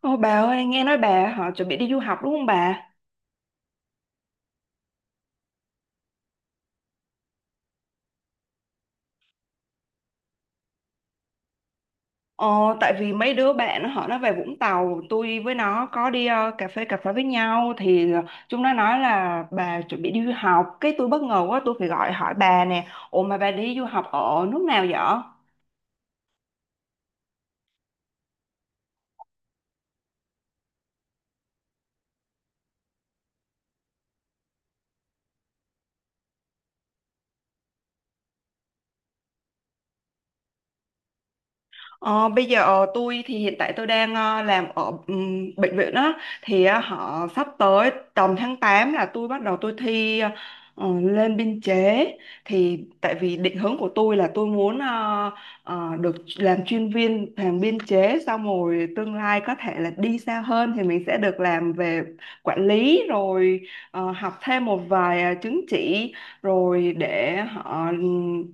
Ô bà ơi, nghe nói bà họ chuẩn bị đi du học đúng không bà? Ờ, Tại vì mấy đứa bạn nó về Vũng Tàu, tôi với nó có đi cà phê với nhau thì chúng nó nói là bà chuẩn bị đi du học, cái tôi bất ngờ quá tôi phải gọi hỏi bà nè. Ủa mà bà đi du học ở nước nào vậy? Ờ, Bây giờ tôi thì hiện tại tôi đang làm ở bệnh viện á, thì họ sắp tới tầm tháng 8 là tôi bắt đầu tôi thi lên biên chế. Thì tại vì định hướng của tôi là tôi muốn được làm chuyên viên, làm biên chế xong rồi tương lai có thể là đi xa hơn thì mình sẽ được làm về quản lý, rồi học thêm một vài chứng chỉ rồi để họ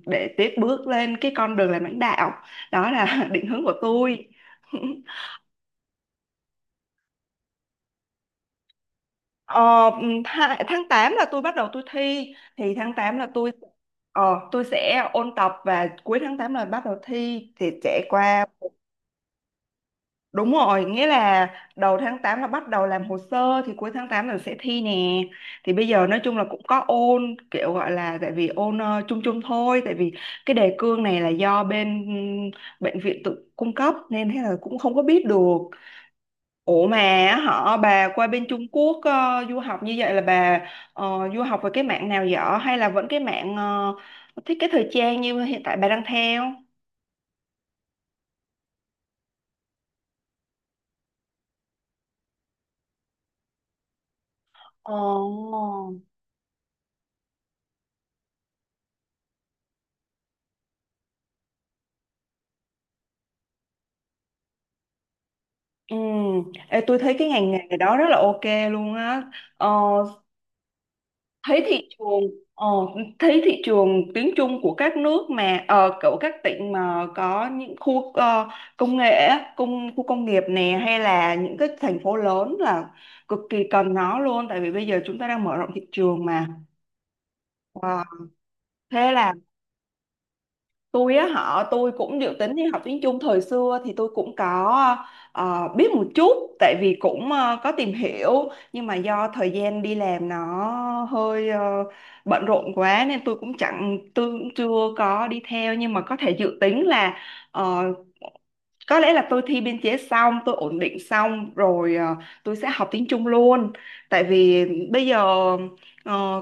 để tiếp bước lên cái con đường làm lãnh đạo, đó là định hướng của tôi. Ờ, Tháng 8 là tôi bắt đầu tôi thi, thì tháng 8 là tôi sẽ ôn tập và cuối tháng 8 là bắt đầu thi thì sẽ qua. Đúng rồi, nghĩa là đầu tháng 8 là bắt đầu làm hồ sơ thì cuối tháng tám là sẽ thi nè. Thì bây giờ nói chung là cũng có ôn, kiểu gọi là, tại vì ôn chung chung thôi, tại vì cái đề cương này là do bên bệnh viện tự cung cấp nên thế là cũng không có biết được. Ủa mà họ bà qua bên Trung Quốc du học như vậy là bà du học về cái mạng nào dở hay là vẫn cái mạng thiết kế thời trang như hiện tại bà đang theo? Ồ. Ừ. Ê, tôi thấy cái ngành nghề đó rất là ok luôn á. Ờ, thấy thị trường ờ, Thấy thị trường tiếng Trung của các nước mà ở kiểu các tỉnh mà có những khu công nghệ á, khu công nghiệp nè hay là những cái thành phố lớn là cực kỳ cần nó luôn, tại vì bây giờ chúng ta đang mở rộng thị trường mà. Wow. Thế là tôi á họ tôi cũng dự tính đi học tiếng Trung. Thời xưa thì tôi cũng có biết một chút, tại vì cũng có tìm hiểu, nhưng mà do thời gian đi làm nó hơi bận rộn quá nên tôi cũng chưa có đi theo, nhưng mà có thể dự tính là ờ, có lẽ là tôi thi biên chế xong, tôi ổn định xong rồi tôi sẽ học tiếng Trung luôn, tại vì bây giờ ờ,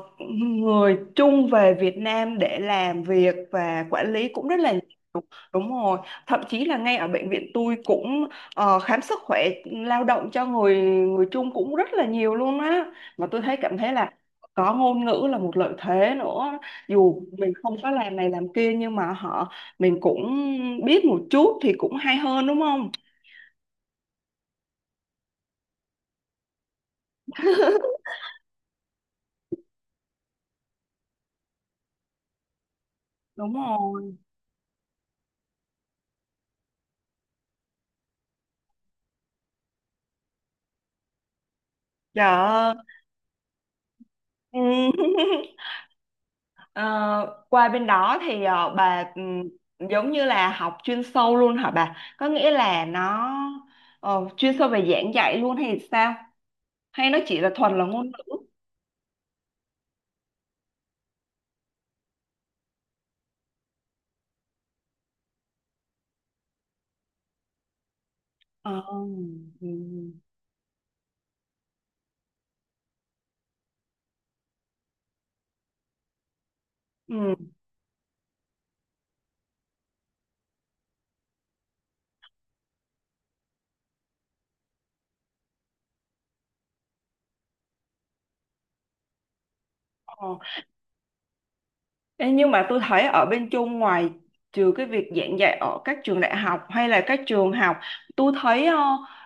người Trung về Việt Nam để làm việc và quản lý cũng rất là. Đúng rồi, thậm chí là ngay ở bệnh viện tôi cũng khám sức khỏe lao động cho người người Trung cũng rất là nhiều luôn á. Mà tôi cảm thấy là có ngôn ngữ là một lợi thế nữa. Dù mình không có làm này làm kia nhưng mà họ mình cũng biết một chút thì cũng hay hơn đúng không? Đúng rồi. Dạ. Ừ. Ờ, qua bên đó thì bà giống như là học chuyên sâu luôn hả bà? Có nghĩa là nó chuyên sâu về giảng dạy luôn hay sao? Hay nó chỉ là thuần là ngôn ngữ? Ờ, ừm, ừm, ờ. Ê, nhưng mà tôi thấy ở bên Trung, ngoài trừ cái việc giảng dạy ở các trường đại học hay là các trường học, tôi thấy ờ,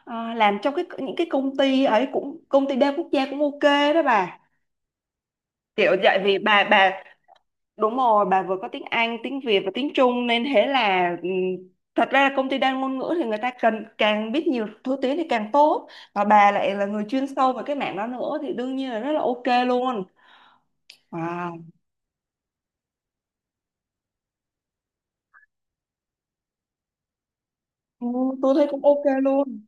ờ, làm trong những cái công ty ấy, cũng công ty đa quốc gia cũng ok đó bà. Kiểu vậy vì bà. Đúng rồi, bà vừa có tiếng Anh, tiếng Việt và tiếng Trung nên thế là thật ra là công ty đa ngôn ngữ thì người ta cần càng biết nhiều thứ tiếng thì càng tốt. Và bà lại là người chuyên sâu về cái mảng đó nữa thì đương nhiên là rất là ok luôn. Wow. Ừ, tôi thấy cũng ok luôn.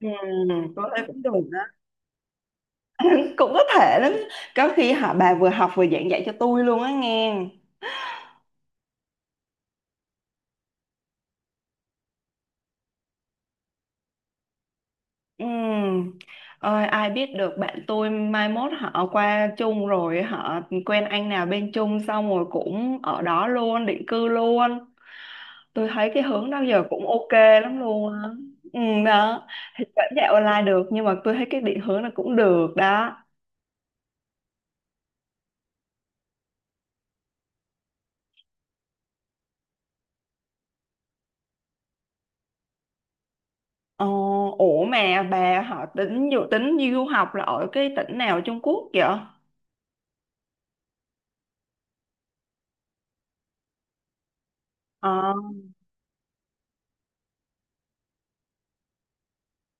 Ừ, tôi thấy cũng được đó. Cũng có thể lắm. Có khi họ bà vừa học vừa giảng dạy cho tôi luôn á nghe. Ừ. Ơi, ai biết được, bạn tôi mai mốt họ qua chung rồi họ quen anh nào bên chung xong rồi cũng ở đó luôn, định cư luôn. Tôi thấy cái hướng đó giờ cũng ok lắm luôn á. ừ, Đó thì vẫn dạy online được nhưng mà tôi thấy cái định hướng là cũng được đó. ờ, Ủa mà bà họ dự tính đi du học là ở cái tỉnh nào ở Trung Quốc vậy? ờ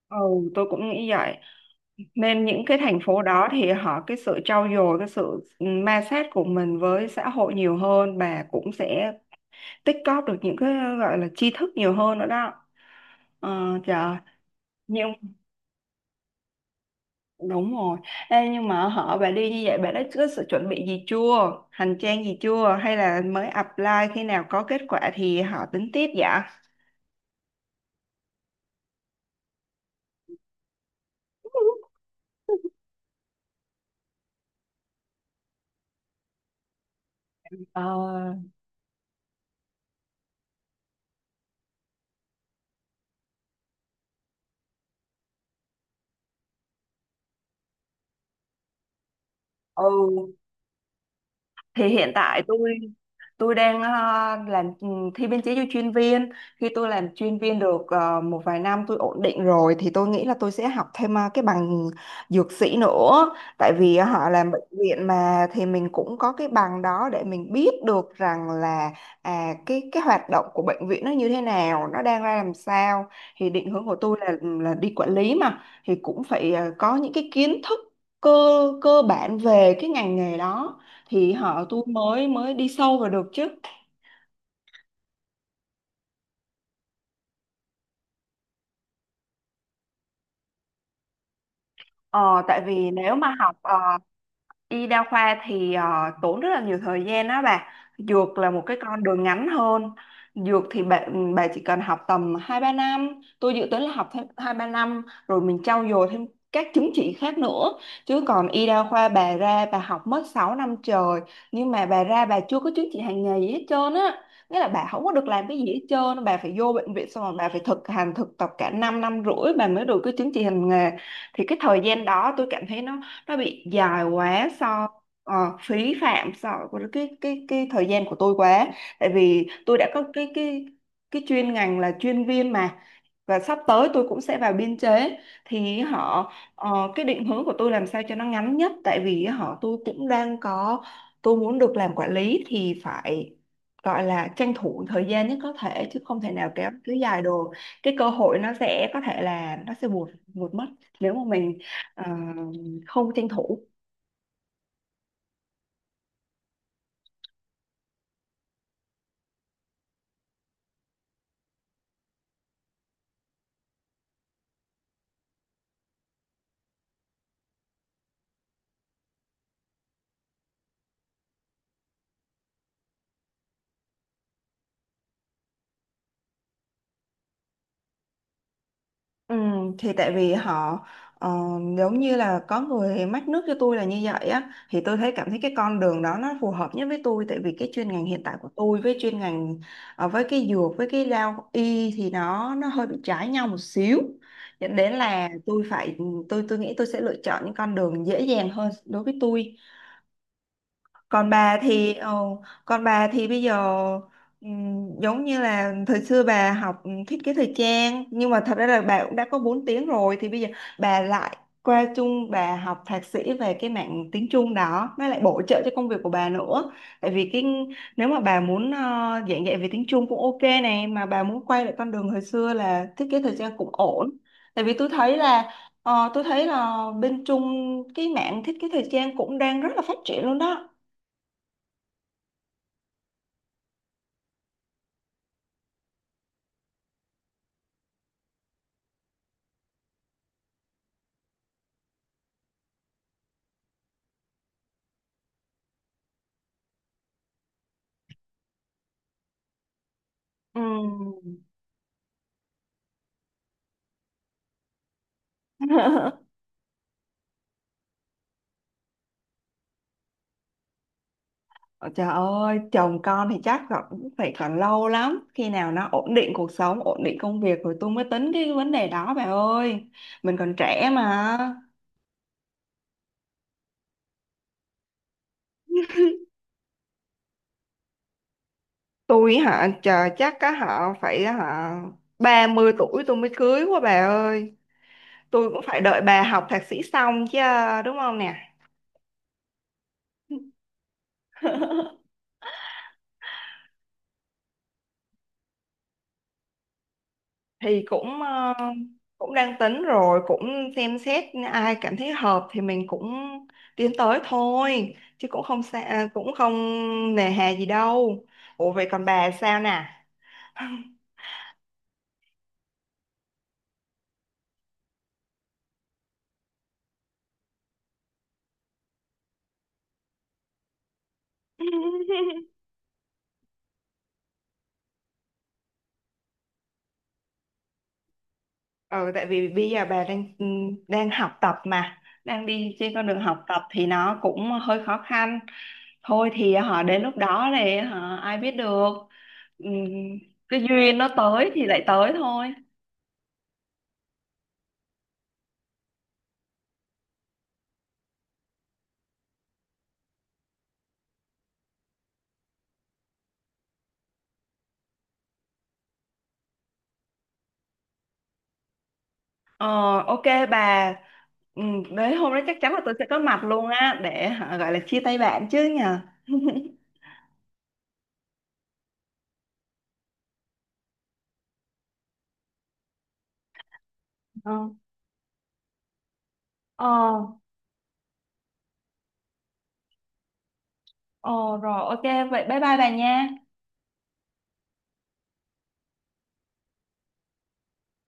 ừ tôi cũng nghĩ vậy, nên những cái thành phố đó thì họ cái sự trau dồi, cái sự ma sát của mình với xã hội nhiều hơn và cũng sẽ tích cóp được những cái gọi là tri thức nhiều hơn nữa đó. ờ, Trời, nhưng đúng rồi. Ê, nhưng mà họ bà đi như vậy, bà đã có sự chuẩn bị gì chưa, hành trang gì chưa hay là mới apply, khi nào có kết quả thì họ tính tiếp dạ. Ờ, ừ thì hiện tại tôi đang làm, thi biên chế cho chuyên viên. Khi tôi làm chuyên viên được một vài năm tôi ổn định rồi thì tôi nghĩ là tôi sẽ học thêm cái bằng dược sĩ nữa, tại vì họ làm bệnh viện mà thì mình cũng có cái bằng đó để mình biết được rằng là cái hoạt động của bệnh viện nó như thế nào, nó đang ra làm sao. Thì định hướng của tôi là đi quản lý mà, thì cũng phải có những cái kiến thức cơ cơ bản về cái ngành nghề đó thì họ tôi mới mới đi sâu vào được chứ. Ờ, Tại vì nếu mà học y đa khoa thì tốn rất là nhiều thời gian đó bà. Dược là một cái con đường ngắn hơn. Dược thì bà chỉ cần học tầm hai ba năm. Tôi dự tính là học thêm hai ba năm rồi mình trau dồi thêm các chứng chỉ khác nữa. Chứ còn y đa khoa bà ra bà học mất 6 năm trời. Nhưng mà bà ra bà chưa có chứng chỉ hành nghề gì hết trơn á. Nghĩa là bà không có được làm cái gì hết trơn. Bà phải vô bệnh viện xong rồi bà phải thực hành thực tập cả 5 năm năm rưỡi bà mới được cái chứng chỉ hành nghề. Thì cái thời gian đó tôi cảm thấy nó bị dài quá, phí phạm so với cái thời gian của tôi quá, tại vì tôi đã có cái chuyên ngành là chuyên viên mà, và sắp tới tôi cũng sẽ vào biên chế thì họ cái định hướng của tôi làm sao cho nó ngắn nhất, tại vì họ tôi cũng đang có, tôi muốn được làm quản lý thì phải gọi là tranh thủ thời gian nhất có thể, chứ không thể nào kéo cứ dài đồ, cái cơ hội nó sẽ có thể là nó sẽ buột buột mất nếu mà mình ờ, không tranh thủ. Ừ, thì tại vì họ ờ, giống như là có người mách nước cho tôi là như vậy á, thì tôi cảm thấy cái con đường đó nó phù hợp nhất với tôi, tại vì cái chuyên ngành hiện tại của tôi với chuyên ngành với cái dược với cái lao y thì nó hơi bị trái nhau một xíu, dẫn đến là tôi nghĩ tôi sẽ lựa chọn những con đường dễ dàng hơn đối với tôi. còn bà thì ờ, Còn bà thì bây giờ giống như là thời xưa bà học thiết kế thời trang, nhưng mà thật ra là bà cũng đã có 4 tiếng rồi, thì bây giờ bà lại qua Trung bà học thạc sĩ về cái mảng tiếng Trung đó, nó lại bổ trợ cho công việc của bà nữa. Tại vì cái, nếu mà bà muốn giảng dạy về tiếng Trung cũng ok này, mà bà muốn quay lại con đường hồi xưa là thiết kế thời trang cũng ổn, tại vì tôi thấy là, Ờ, tôi thấy là bên Trung cái mảng thiết kế thời trang cũng đang rất là phát triển luôn đó. Ừ. Ôi Trời ơi, chồng con thì chắc còn cũng phải còn lâu lắm. Khi nào nó ổn định cuộc sống, ổn định công việc rồi tôi mới tính cái vấn đề đó bà ơi. Mình còn trẻ mà. Tôi hả, chờ chắc á họ phải hả, 30 tuổi tôi mới cưới quá bà ơi. Tôi cũng phải đợi bà học thạc sĩ xong chứ, đúng không nè? Thì cũng đang tính rồi, cũng xem xét ai cảm thấy hợp thì mình cũng tiến tới thôi, chứ cũng không xa, cũng không nề hà gì đâu. Ủa vậy còn bà sao nè? Ừ Tại vì bây giờ bà đang đang học tập mà, đang đi trên con đường học tập thì nó cũng hơi khó khăn, thôi thì họ đến lúc đó thì họ ai biết được. Ừm, cái duyên nó tới thì lại tới thôi. Ờ, ok bà, ừ, đến hôm đó chắc chắn là tôi sẽ có mặt luôn á, để hả, gọi là chia tay bạn chứ nhờ. Ờ, ờ, ờ, Rồi ok vậy bye bye bà nha.